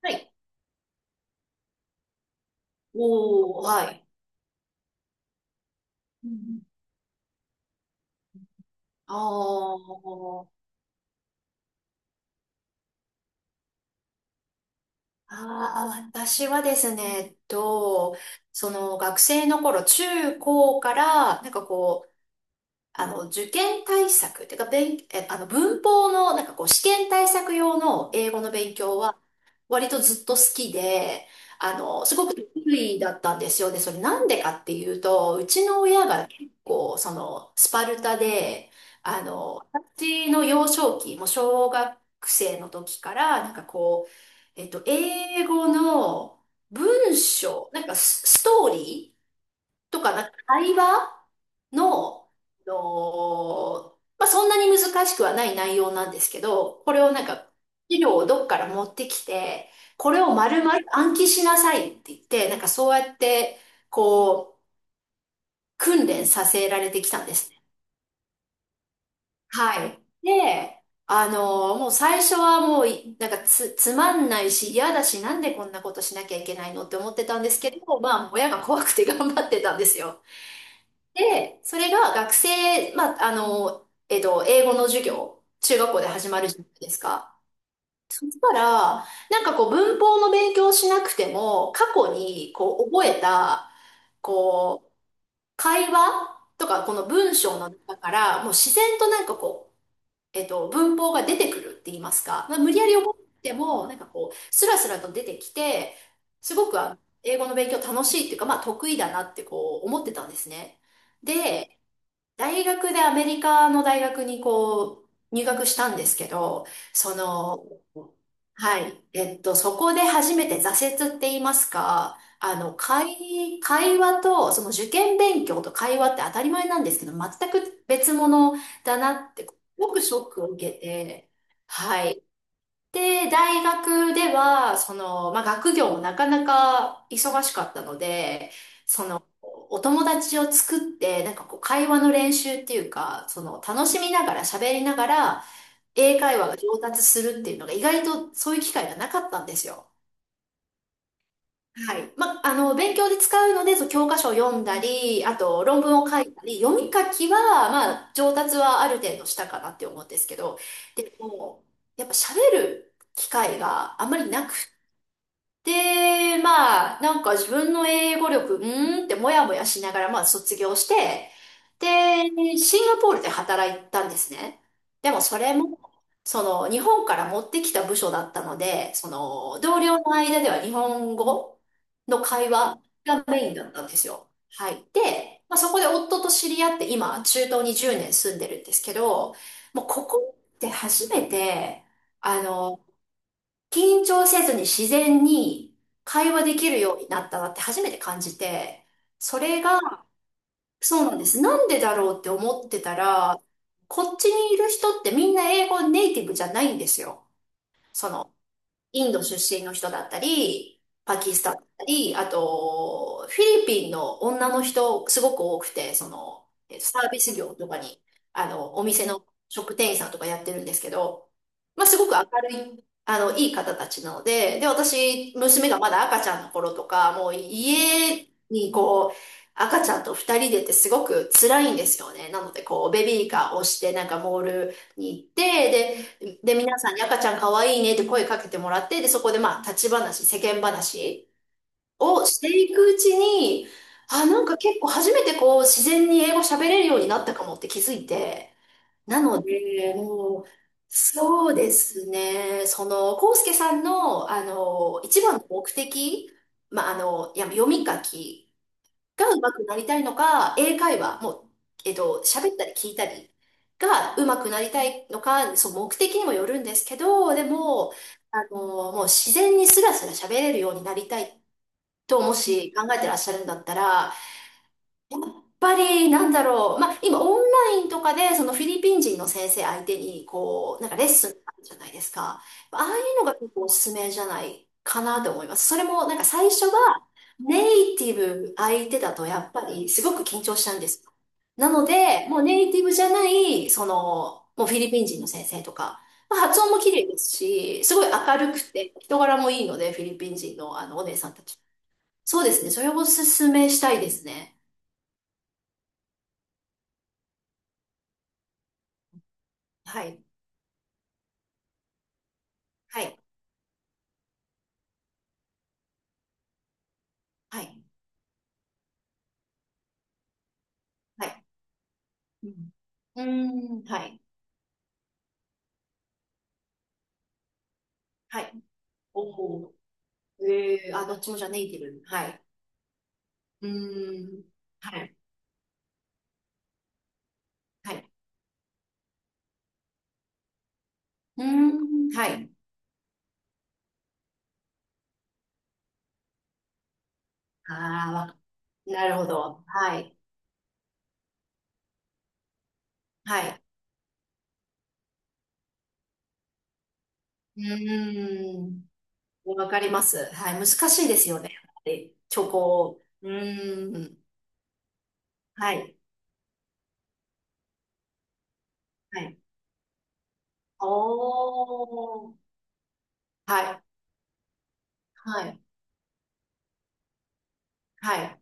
はい。おお、はい。うん。あーあー、私はですね、その学生の頃、中高から、受験対策ってか、勉、え、あの、文法の、試験対策用の英語の勉強は、割とずっと好きで、すごく得意だったんですよ。で、それなんでかっていうと、うちの親が結構、その、スパルタで、あの、私の幼少期、もう小学生の時から、英語の文章、ストーリーとか、なんか会話の、あのまあ、そんなに難しくはない内容なんですけど、これをなんか、資料をどっから持ってきて、これを丸々暗記しなさいって言って、なんかそうやって、こう、訓練させられてきたんですね。はい。で、あのもう最初はもうい、なんかつ、つまんないし嫌だし、なんでこんなことしなきゃいけないのって思ってたんですけど、まあ、親が怖くて頑張ってたんですよ。で、それが学生、まあ、あの、えっと、英語の授業、中学校で始まるじゃないですか。そしたら、なんかこう文法の勉強をしなくても、過去にこう覚えた、こう、会話とか、この文章の中から、もう自然と文法が出てくるって言いますか、まあ、無理やり覚えても、なんかこう、スラスラと出てきて、すごくあの英語の勉強楽しいっていうか、まあ得意だなってこう思ってたんですね。で、大学でアメリカの大学にこう入学したんですけど、その、はい、えっと、そこで初めて挫折って言いますか、あの、会話と、その受験勉強と会話って当たり前なんですけど、全く別物だなって、すごくショックを受けて、はい。で、大学では、その、まあ、学業もなかなか忙しかったので、その、お友達を作って、なんかこう、会話の練習っていうか、その、楽しみながら喋りながら、英会話が上達するっていうのが意外とそういう機会がなかったんですよ。はい。まあ、あの、勉強で使うので、そう教科書を読んだり、あと論文を書いたり、読み書きは、まあ、上達はある程度したかなって思うんですけど、でも、やっぱ喋る機会があんまりなくで、まあ、なんか自分の英語力、うーんってもやもやしながら、まあ卒業して、で、シンガポールで働いたんですね。でもそれも、その、日本から持ってきた部署だったので、その、同僚の間では日本語の会話がメインだったんですよ。はい。で、まあそこで夫と知り合って、今、中東に10年住んでるんですけど、もうここって初めて、あの、緊張せずに自然に会話できるようになったなって初めて感じて、それが、そうなんです。なんでだろうって思ってたら、こっちにいる人ってみんな英語ネイティブじゃないんですよ。その、インド出身の人だったり、パキスタンだったり、あと、フィリピンの女の人、すごく多くて、その、えっとサービス業とかに、あの、お店の食店員さんとかやってるんですけど、まあ、すごく明るい、あの、いい方たちなので、で、私、娘がまだ赤ちゃんの頃とか、もう家にこう、赤ちゃんと二人でってすごく辛いんですよね。なので、こう、ベビーカーを押して、なんかモールに行って、で、で、皆さんに赤ちゃん可愛いいねって声かけてもらって、で、そこでまあ、立ち話、世間話をしていくうちに、あ、なんか結構初めてこう、自然に英語喋れるようになったかもって気づいて、なので、もう、そうですね、その、コウスケさんの、あの、一番の目的、まあ、あの、いや、読み書きが上手くなりたいのか、英会話、もう、えっと、喋ったり聞いたりが上手くなりたいのか、そう、目的にもよるんですけど、でも、あの、もう自然にスラスラ喋れるようになりたいと、もし考えてらっしゃるんだったら、ぱり、なんだろう。まあ、今、オンラインとかで、そのフィリピン人の先生相手に、こう、なんかレッスンあるじゃないですか。ああいうのが結構おすすめじゃないかなと思います。それも、なんか最初が、ネイティブ相手だと、やっぱり、すごく緊張しちゃうんですよ。なので、もうネイティブじゃない、その、もうフィリピン人の先生とか、まあ、発音も綺麗ですし、すごい明るくて、人柄もいいので、フィリピン人のあの、お姉さんたち。そうですね。それをおすすめしたいですね。はい。はい。はい。はい。うん。うーん。はい。はい。おお。ええあ、どっちもじゃあネイティブ。はい。うーん。はい。はい。うーん。はい。ああ、わなるほど。はい。はい。うーん。わかります。はい。難しいですよね。で、チョコ。うーん。はい。はい。おー。はい。はい。はい。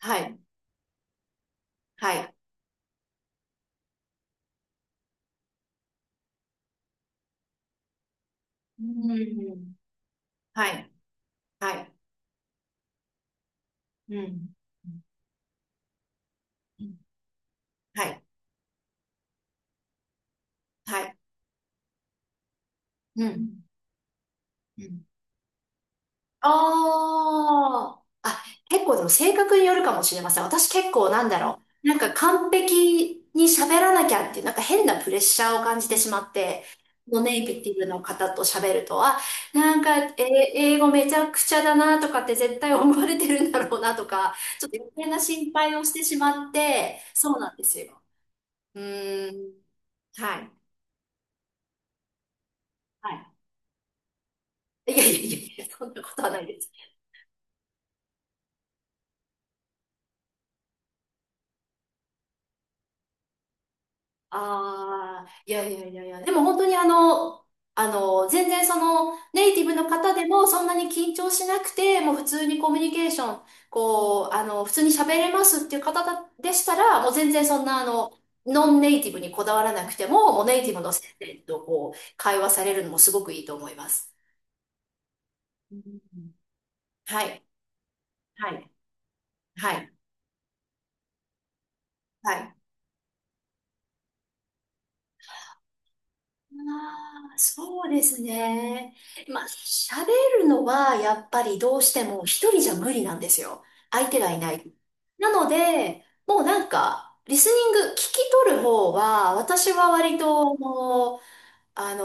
はい。はい。うーん。はい。はい。うん。はい。はい。うん。うん。ああ。あ、結構でも性格によるかもしれません。私結構なんだろう。なんか完璧に喋らなきゃっていう、なんか変なプレッシャーを感じてしまって、ノネイティブの方と喋ると、あ、なんか、えー、英語めちゃくちゃだなとかって絶対思われてるんだろうなとか、ちょっと余計な心配をしてしまって、そうなんですよ。うーん。はい。はい。いやいやいやいや、そんなことはないです。ああ、いやいやいやいや、でも本当にあの、あの、全然その、ネイティブの方でもそんなに緊張しなくて、もう普通にコミュニケーション、こう、あの、普通に喋れますっていう方だでしたら、もう全然そんなあの、ノンネイティブにこだわらなくても、もうネイティブの先生とこう、会話されるのもすごくいいと思います。うんはい。はい。はい。はい。ああ、そうですね。まあ、喋るのはやっぱりどうしても一人じゃ無理なんですよ。相手がいない。なので、もうなんか、リスニング、聞き取る方は、私は割と、もう、あの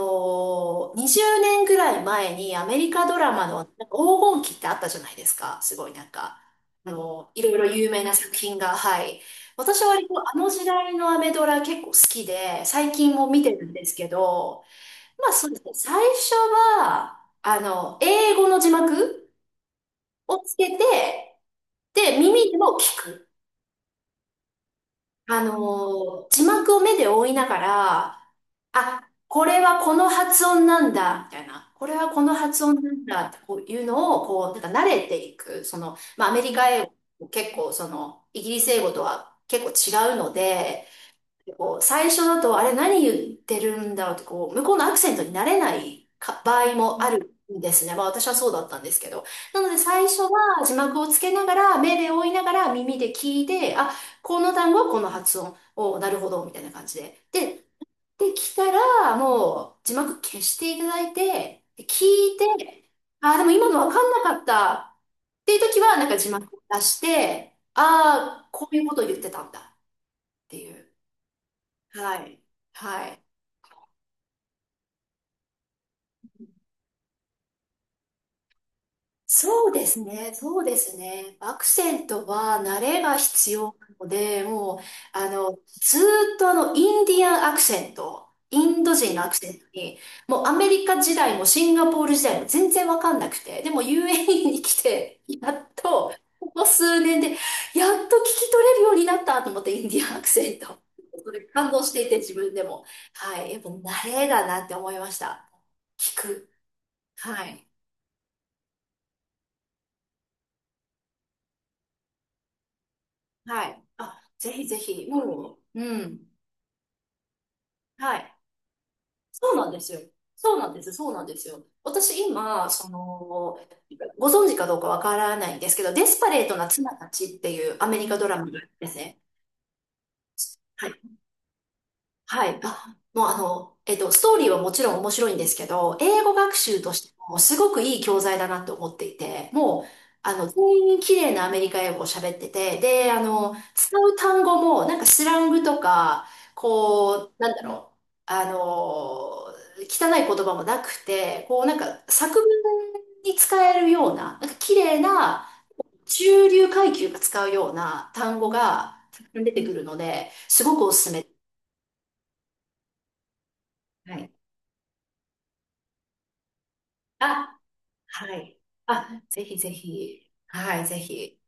ー、20年ぐらい前にアメリカドラマのなんか黄金期ってあったじゃないですか。すごいなんか、あのー、いろいろ有名な作品が、はい。私は割とあの時代のアメドラ結構好きで、最近も見てるんですけど、まあ、そうですね。最初は、あの、英語の字幕をつけて、で、耳でも聞く。あの字幕を目で追いながら、あ、これはこの発音なんだ、みたいな。これはこの発音なんだ、ってこういうのを、こう、なんか慣れていく。その、まあ、アメリカ英語、結構、その、イギリス英語とは結構違うので、こう最初だと、あれ何言ってるんだろうとこう、向こうのアクセントになれないか場合もあるんですね。まあ私はそうだったんですけど。なので最初は字幕をつけながら、目で追いながら耳で聞いて、あ、この単語はこの発音を、なるほど、みたいな感じで。で、できたら、もう字幕消していただいて、で聞いて、あ、でも今のわかんなかったっていう時は、なんか字幕を出して、ああ、こういうことを言ってたんだっていう。はい。はい。そうですね、そうですね。アクセントは慣れが必要なので、もう、あの、ずーっとあの、インディアンアクセント、インド人のアクセントに、もうアメリカ時代もシンガポール時代も全然わかんなくて、でも u a に来て、やっと、ここ数年で、やっと聞き取れるようになったと思って、インディアンアクセント。それ感動していて、自分でも。はい。やっぱ慣れだなって思いました。聞く。はい。はい。あ、ぜひぜひ、もう、うん。はい。そうなんですよ。そうなんです。そうなんですよ。私今、その、ご存知かどうかわからないんですけど、デスパレートな妻たちっていうアメリカドラマがあるんですね。はいはい。あ、もうあの、えっと、ストーリーはもちろん面白いんですけど、英語学習としてもすごくいい教材だなと思っていて、もう、あの、全員綺麗なアメリカ英語を喋ってて、で、あの、使う単語も、なんかスラングとか、こう、なんだろう、あの、汚い言葉もなくて、こう、なんか作文に使えるような、なんか綺麗な、中流階級が使うような単語がたくさん出てくるので、すごくおすすめ。はい。あはい。あ、ぜひぜひ。はい、ぜひ。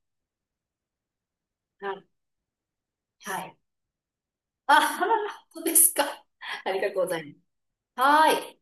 はい。はい。あ、本当ですか。ありがとうございます。はい。